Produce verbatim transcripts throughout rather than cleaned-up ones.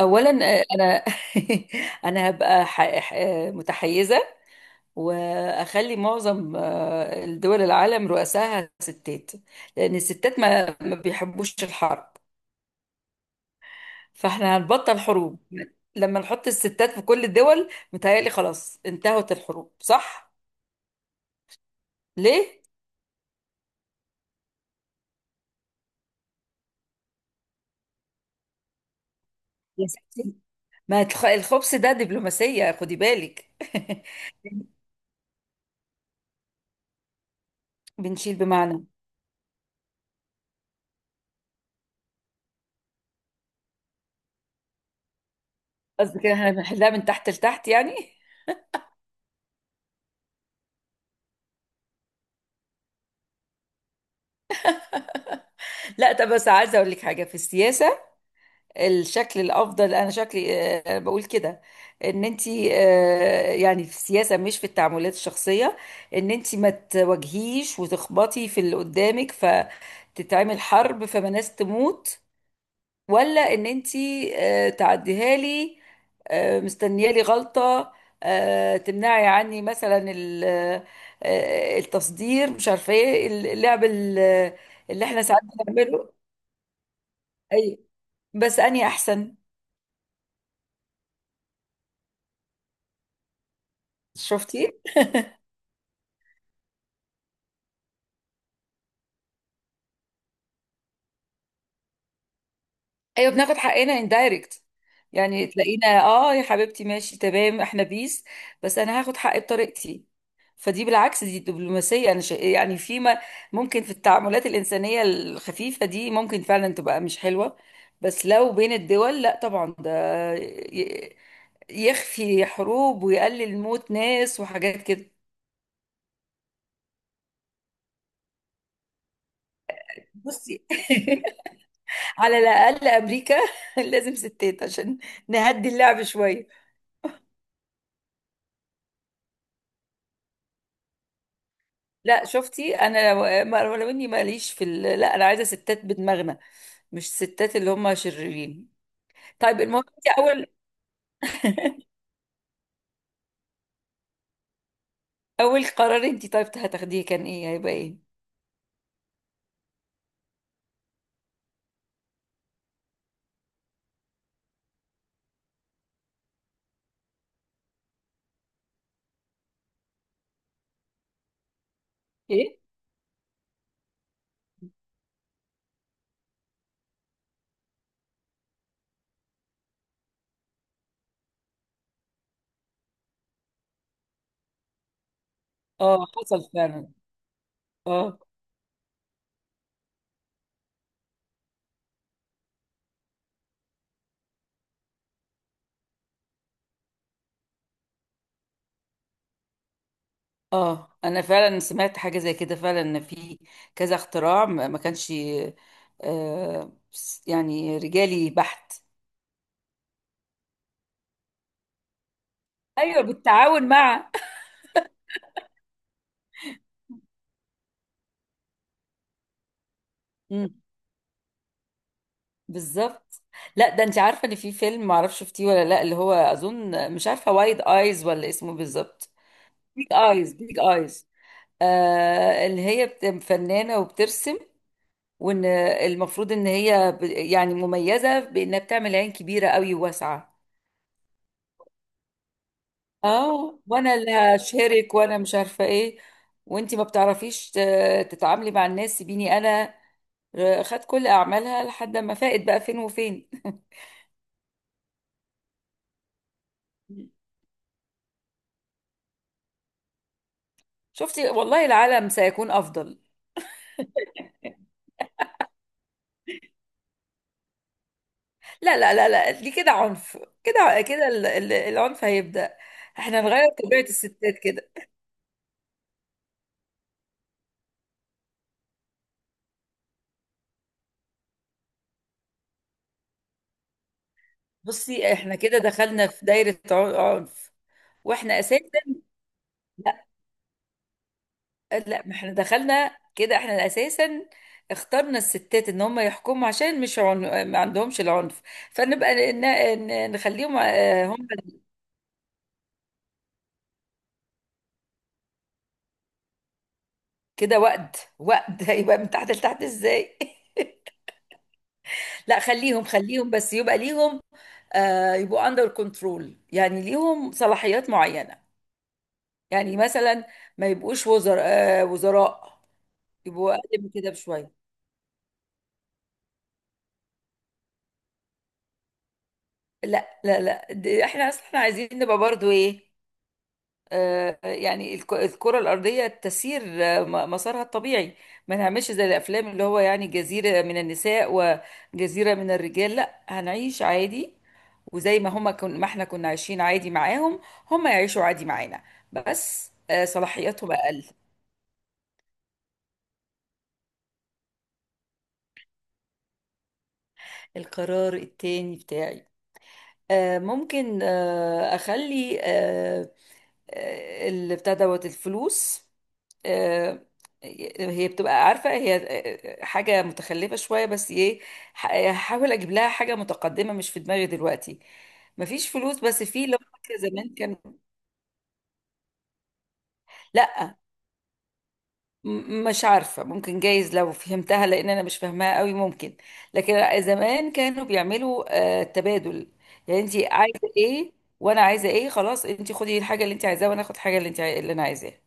اولا، آه، انا. انا هبقى ح- ح- متحيزه، واخلي معظم آه، الدول العالم رؤساها ستات، لان الستات ما ما بيحبوش الحرب. فاحنا هنبطل حروب لما نحط الستات في كل الدول. متهيألي خلاص انتهت الحروب، صح؟ ليه؟ يا ستي ما الخ- الخبز ده دبلوماسيه، خدي بالك. بنشيل بمعنى؟ قصدي كده احنا بنحلها من تحت لتحت يعني. لا طب بس عايزه اقول لك حاجه في السياسه. الشكل الافضل، انا شكلي آه، بقول كده، ان انت آه، يعني في السياسه مش في التعاملات الشخصيه، ان انت ما تواجهيش وتخبطي في اللي قدامك فتتعمل حرب فما ناس تموت، ولا ان انت آه، تعديها لي، آه، مستنيه لي غلطه، آه، تمنعي عني مثلا ال- آه، آه، التصدير، مش عارفه ايه، اللعب ال- اللي احنا ساعات بنعمله. اي، بس اني احسن. شفتي؟ ايوه بناخد حقنا اندايركت. يعني تلاقينا اه يا حبيبتي ماشي تمام احنا بيس، بس انا هاخد حقي بطريقتي. فدي بالعكس دي دبلوماسيه. انا شا... يعني فيما ممكن في التعاملات الانسانيه الخفيفه دي ممكن فعلا تبقى مش حلوه، بس لو بين الدول لا طبعا ده ي- يخفي حروب ويقلل موت ناس وحاجات كده. بصي، على الاقل امريكا لازم ستات عشان نهدي اللعب شويه. لا شفتي انا لو ما- لو اني ماليش في ال... لا انا عايزه ستات بدماغنا، مش ستات اللي هم شريرين. طيب المهم انت اول. اول قرار انت طيب هتاخديه كان ايه؟ هيبقى ايه؟ ايه؟ اه حصل فعلا. اه. اه انا فعلا سمعت حاجه زي كده، فعلا ان في كذا اختراع ما ما كانش آه، يعني رجالي بحت. ايوه بالتعاون مع. مم. بالظبط. لا ده انت عارفه ان في فيلم، معرفش شفتيه ولا لا، اللي هو اظن مش عارفه وايد ايز ولا اسمه بالظبط. بيج ايز، بيج ايز، آه اللي هي بت- فنانه وبترسم، وان المفروض ان هي ب- يعني مميزه بانها بتعمل عين كبيره قوي وواسعه. اه وانا اللي هشهرك وانا مش عارفه ايه، وانت ما بتعرفيش ت- تتعاملي مع الناس، سيبيني انا آه، خد كل اعمالها لحد ما فاقت بقى فين وفين. شفتي؟ والله العالم سيكون افضل. لا لا لا لا، دي كده عنف. كده كده ال- ال- العنف هيبدأ. احنا نغير طبيعة الستات كده. بصي احنا كده دخلنا في دايرة عن- عنف. واحنا اساسا لا. لا ما احنا دخلنا كده، احنا اساسا اخترنا الستات ان هم يحكموا عشان مش عن... ما عندهمش العنف. فنبقى ن... ن... نخليهم آه، هم كده. وقد وقد هيبقى من تحت لتحت ازاي؟ لا، خليهم خليهم بس يبقى ليهم آه، يبقوا اندر كنترول، يعني ليهم صلاحيات معينة. يعني مثلا ما يبقوش وزراء، آه، وزراء. يبقوا اقل من كده بشوية. لا لا لا، دي- احنا اصلا احنا عايزين نبقى برضو ايه، آه، يعني الك- الكرة الأرضية تسير آه، م- مسارها الطبيعي. ما نعملش زي الأفلام اللي هو يعني جزيرة من النساء وجزيرة من الرجال. لا هنعيش عادي، وزي ما هما كن ما احنا كنا عايشين عادي معاهم، هما يعيشوا عادي معانا، بس آه، صلاحياتهم أقل. القرار التاني بتاعي، آه ممكن آه اخلي آه آه، اللي بتاع دوت الفلوس. آه، هي بتبقى عارفة هي آه، آه، حاجة متخلفة شوية، بس ايه، ح- هحاول اجيب لها حاجة متقدمة. مش في دماغي دلوقتي مفيش فلوس، بس في لو فاكرة زمان كان. لا، م- مش عارفة، ممكن جايز لو فهمتها لأن أنا مش فاهماها قوي ممكن، لكن زمان كانوا بيعملوا آه، تبادل. يعني أنت عايزة إيه وأنا عايزة إيه، خلاص أنت خدي الحاجة اللي أنت عايزاها وأنا آخد الحاجة اللي أنت عاي... اللي أنا عايزاها.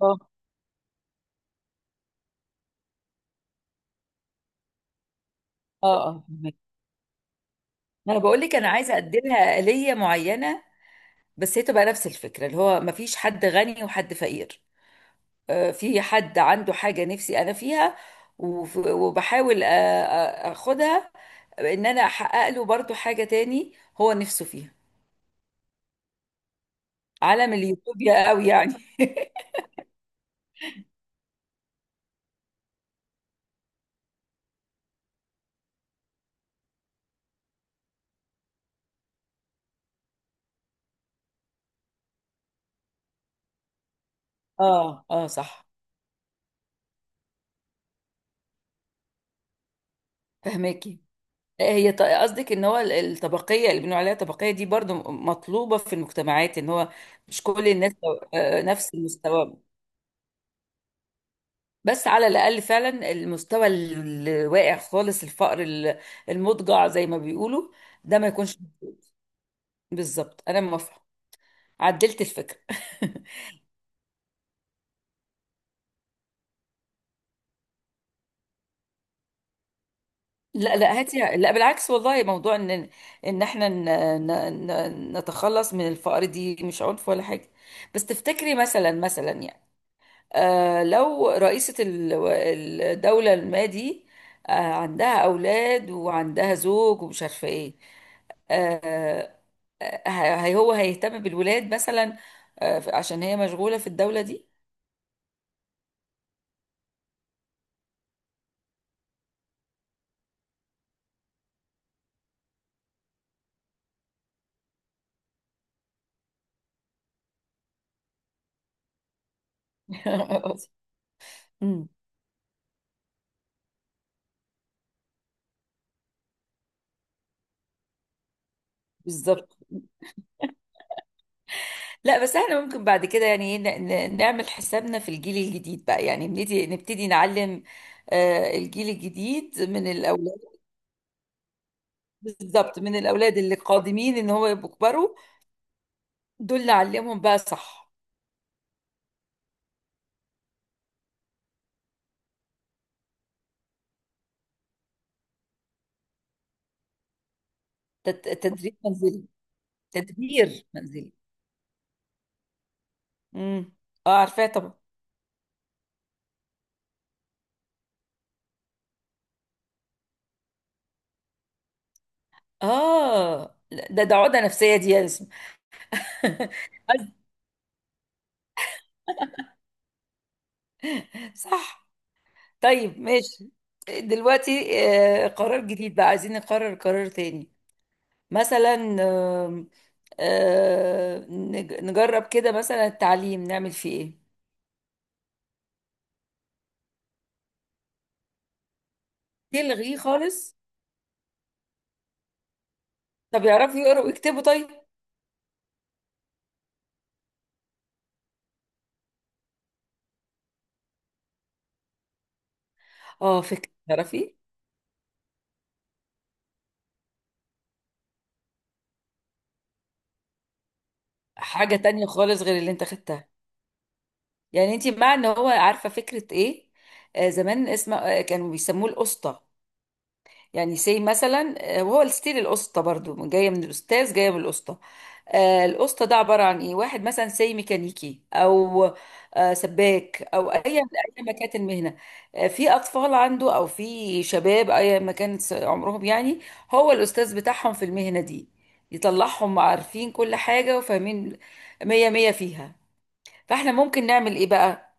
اه اه. اه فهمك. ما أنا بقول لك أنا عايزة أدي لها آلية معينة، بس هي تبقى نفس الفكرة اللي هو مفيش حد غني وحد فقير، آه، في حد عنده حاجة نفسي أنا فيها، وف- وبحاول آه، آه، أخدها، إن أنا أحقق له برضو حاجة تاني هو نفسه فيها. عالم اليوتوبيا قوي يعني. اه اه صح. فهماكي. هي ط- قصدك ان هو ال- الطبقيه اللي بنقول عليها طبقيه دي برضو م- مطلوبه في المجتمعات، ان هو مش كل الناس آه، نفس المستوى. بس على الاقل فعلا المستوى ال- الواقع خالص، الفقر ال- المضجع زي ما بيقولوا ده ما يكونش. بالظبط انا موافقه، عدلت الفكرة. لا لا هاتي، لا بالعكس، والله موضوع ان ان احنا ن... ن... ن- نتخلص من الفقر دي مش عنف ولا حاجة. بس تفتكري مثلا، مثلا يعني آه لو رئيسة ال- الدولة ما دي آه عندها أولاد وعندها زوج ومش عارفة ايه، آه، آه، هي هو هيهتم بالولاد مثلا آه عشان هي مشغولة في الدولة دي؟ مم، بالظبط. لا بس احنا ممكن بعد كده يعني ايه، ن- ن- نعمل حسابنا في الجيل الجديد بقى. يعني نبتدي، نبتدي نعلم آه، الجيل الجديد من الاولاد. بالظبط، من الاولاد اللي قادمين، ان هو يبقوا كبروا، دول نعلمهم بقى صح. تت- تدريب منزلي تدبير منزلي. امم، اه عارفاه طبعا. اه لا، ده ده عقدة نفسية دي يا اسم. صح. طيب ماشي، دلوقتي آه، قرار جديد بقى، عايزين نقرر قرار تاني. مثلا آم، آه، نج- نجرب كده مثلا التعليم نعمل فيه ايه. تلغيه خالص؟ طب يعرفوا يقروا ويكتبوا طيب. اه فكرة تعرفي، حاجة تانية خالص غير اللي انت خدتها. يعني انت مع ان هو عارفة فكرة ايه، آه زمان اسمه آه كانوا بيسموه القسطة. يعني سي مثلا آه، وهو الستيل. القسطة برضو جاية من الأستاذ، جاية من القسطة. آه، القسطة ده عبارة عن إيه، واحد مثلا سي ميكانيكي أو آه، سباك أو أي أي ما كانت المهنة، آه، في أطفال عنده أو في شباب أي ما كانت عمرهم يعني، هو الأستاذ بتاعهم في المهنة دي، يطلعهم عارفين كل حاجة وفاهمين مية مية فيها. فاحنا ممكن نعمل إيه بقى،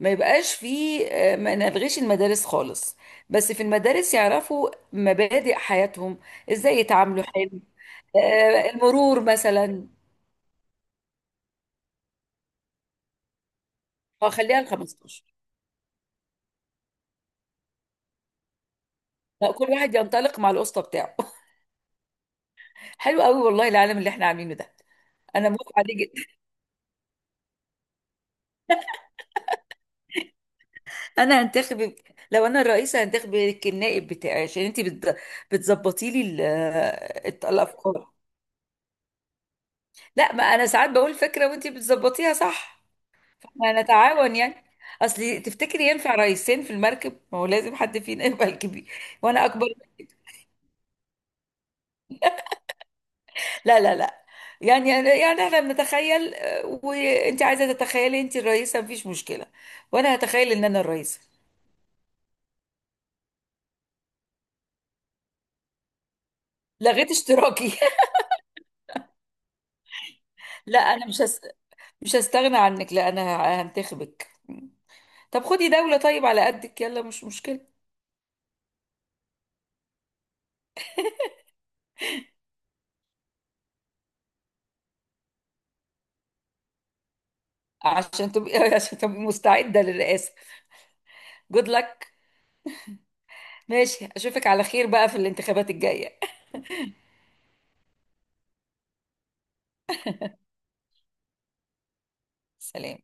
ما يبقاش فيه آه، ما نلغيش المدارس خالص، بس في المدارس يعرفوا مبادئ حياتهم، ازاي يتعاملوا حلو، آه، المرور مثلا. آه، خليها ال خمستاشر. لا، كل واحد ينطلق مع القسطه بتاعه. حلو قوي، والله العالم اللي احنا عاملينه ده، انا موافقه عليه جدا. انا هنتخب، لو انا الرئيسه هنتخبك النائب بتاعي عشان انت بت... بتظبطي لي ال- آه، الافكار. لا ما انا ساعات بقول فكره وانت بتظبطيها صح، ما نتعاون يعني. اصل تفتكري ينفع رئيسين في المركب؟ ما هو لازم حد فينا يبقى الكبير. وانا اكبر. لا لا لا، يعني يعني احنا بنتخيل آه، وانت عايزه تتخيلي انت الرئيسه مفيش مشكله، وانا هتخيل ان انا الرئيسه. لغيت اشتراكي؟ لا انا مش هس... مش هستغنى عنك، لا انا ه- هنتخبك. طب خدي دوله طيب على قدك يلا مش مشكله. عشان تبقي عشان تبقي مستعده للرئاسه. جود لك. ماشي، اشوفك على خير بقى في الانتخابات الجايه. سلام.